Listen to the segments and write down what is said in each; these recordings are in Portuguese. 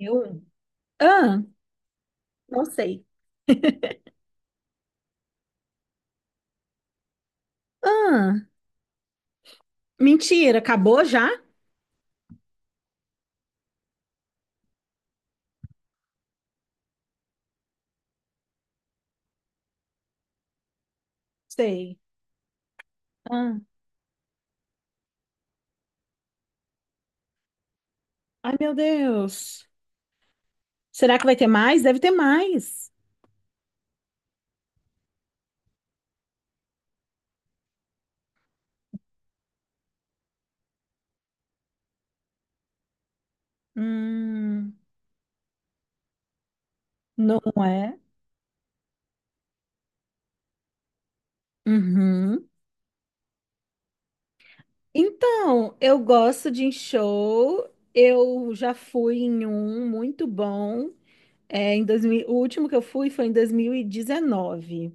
Eu? Ah, não sei. Ah, mentira, acabou já? Sei. Ah, ai, meu Deus. Será que vai ter mais? Deve ter mais. Hum. Não é? Uhum. Então, eu gosto de ir em show. Eu já fui em um muito bom. É, em 2000. O último que eu fui foi em 2019.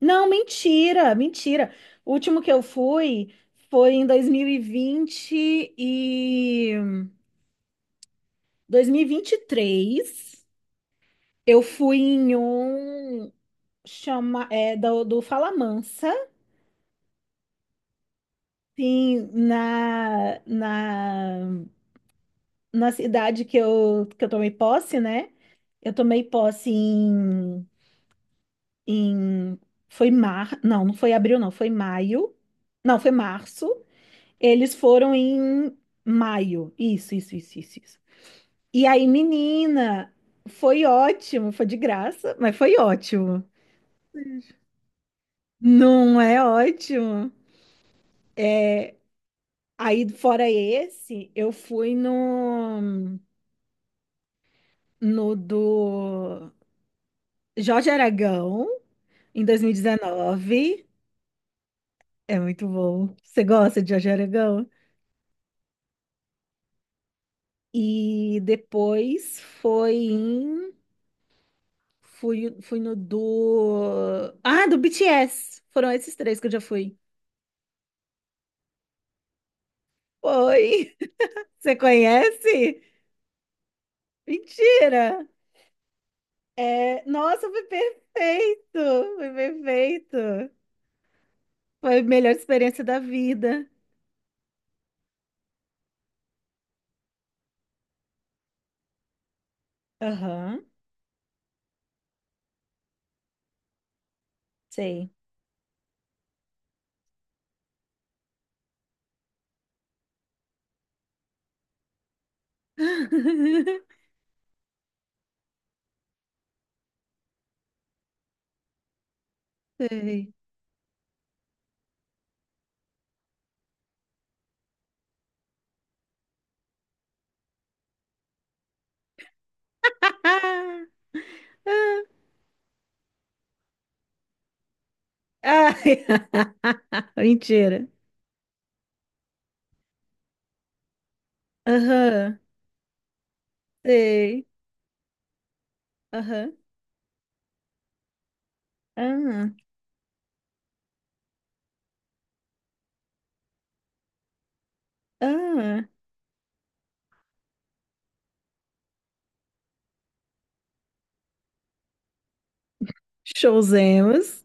Não, mentira, mentira. O último que eu fui foi em e e e 2023. Eu fui em um chama é do Falamansa, sim, na cidade que eu tomei posse, né? Eu tomei posse, em não, não foi abril, não, foi maio. Não, foi março. Eles foram em maio. Isso, isso, isso, isso, isso. E aí, menina, foi ótimo, foi de graça, mas foi ótimo. Não é ótimo. É, aí, fora esse, eu fui no do Jorge Aragão, em 2019. É muito bom. Você gosta de Jorge Aragão? E depois foi em Fui, fui no do. Ah, do BTS. Foram esses três que eu já fui. Oi. Você conhece? Mentira! Nossa, foi perfeito! Foi perfeito! Foi a melhor experiência da vida. Aham, sei. Sei. Ai. Mentira. Aham, sei. Aham. Ah, ah. Showzemos.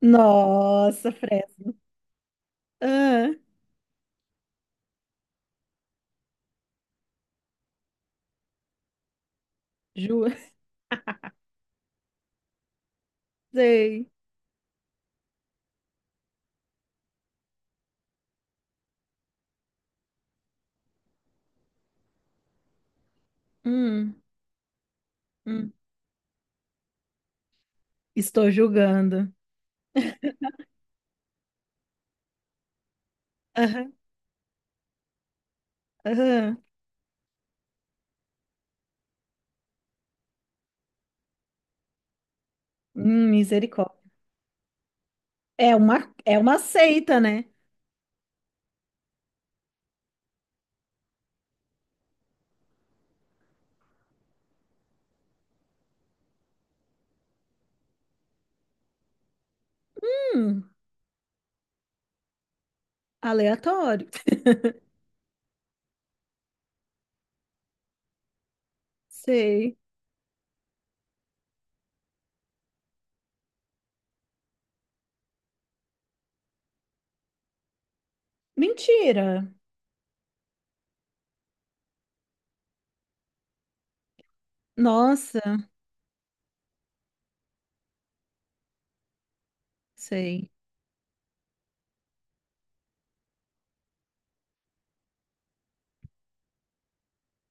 Nossa, Fresno. Ah, ju... Sei. Hum, hum. Estou julgando. Aham, aham. Misericórdia. É uma seita, né? Hum, aleatório. Sei. Mentira. Nossa, sei.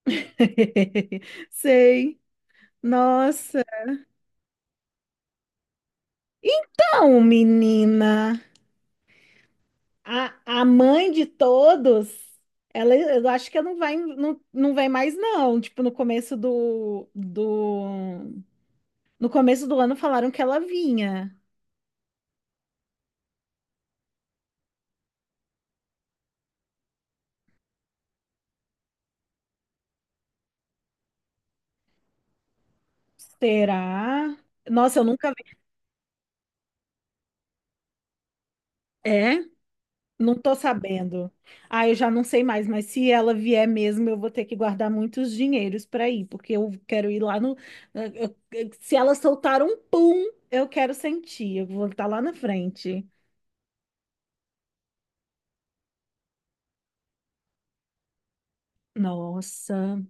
Sei. Nossa. Então, menina. A mãe de todos, ela, eu acho que ela não vai, não, não vem mais, não. Tipo, no começo do ano falaram que ela vinha. Será? Nossa, eu nunca vi. É? Não tô sabendo. Ah, eu já não sei mais, mas se ela vier mesmo, eu vou ter que guardar muitos dinheiros para ir, porque eu quero ir lá no. Se ela soltar um pum, eu quero sentir. Eu vou estar lá na frente. Nossa,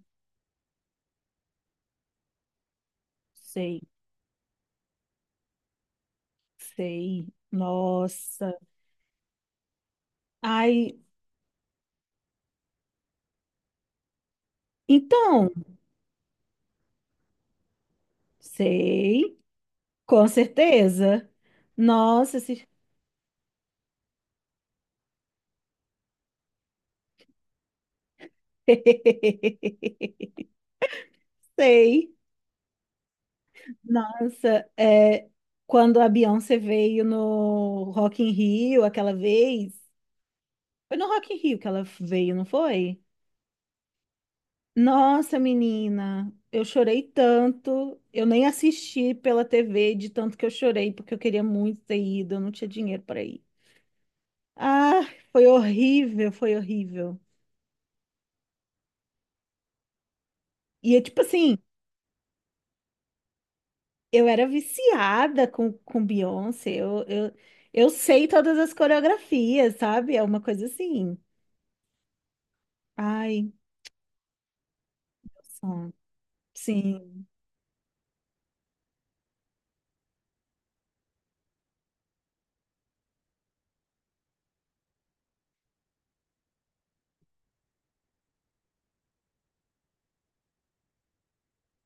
sei. Sei. Nossa. Ai, então, sei, com certeza. Nossa, se... sei. Nossa, quando a Beyoncé veio no Rock in Rio aquela vez, foi no Rock in Rio que ela veio, não foi? Nossa, menina, eu chorei tanto, eu nem assisti pela TV de tanto que eu chorei, porque eu queria muito ter ido, eu não tinha dinheiro para ir. Ah, foi horrível, foi horrível. E eu, tipo assim, eu era viciada com Beyoncé. Eu sei todas as coreografias, sabe? É uma coisa assim. Ai, som. Sim.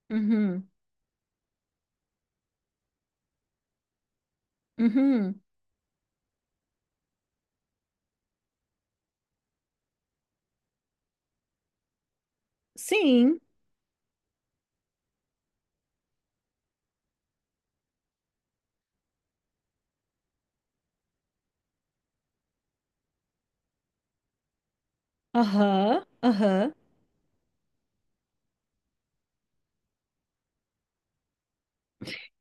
Uhum. Uhum. Sim. Aham. Aham.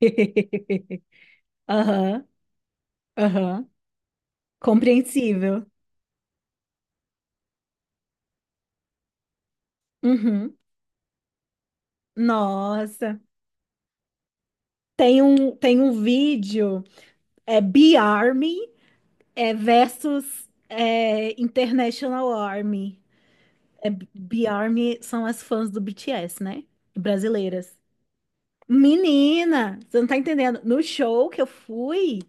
Aham. Aham. Compreensível. Uhum. Nossa. Tem um vídeo, Be Army. É versus International Army. É, B-Army são as fãs do BTS, né? Brasileiras. Menina, você não tá entendendo. No show que eu fui,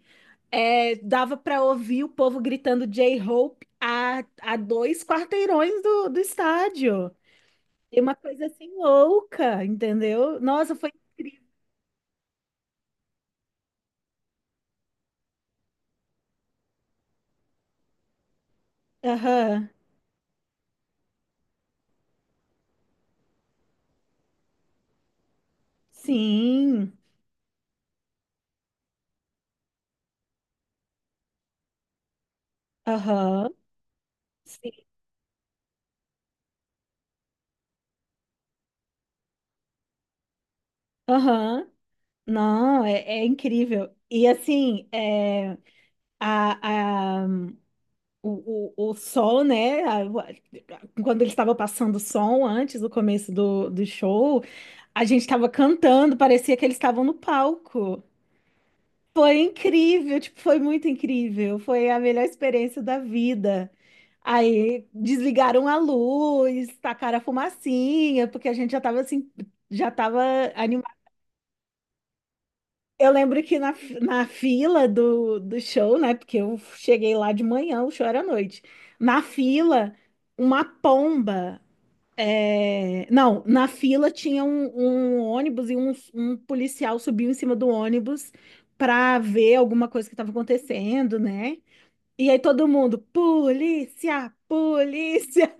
dava pra ouvir o povo gritando J-Hope a dois quarteirões do estádio. E uma coisa assim louca, entendeu? Nossa, foi incrível. Aham. Sim. Aham. Sim. Aham. Não, é incrível. E assim, a, a, o sol, né? Quando ele estava passando o som antes do começo do show, a gente estava cantando, parecia que eles estavam no palco. Foi incrível, tipo, foi muito incrível. Foi a melhor experiência da vida. Aí desligaram a luz, tacaram a fumacinha, porque a gente já estava assim, já estava. Eu lembro que na fila do show, né? Porque eu cheguei lá de manhã, o show era à noite. Na fila, uma pomba. Não, na fila tinha um ônibus e um policial subiu em cima do ônibus para ver alguma coisa que estava acontecendo, né? E aí todo mundo, polícia, polícia.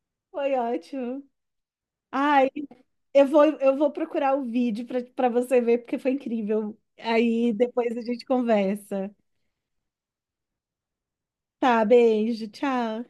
Foi ótimo. Ai, eu vou procurar o vídeo para você ver, porque foi incrível. Aí depois a gente conversa. Tá, beijo, tchau.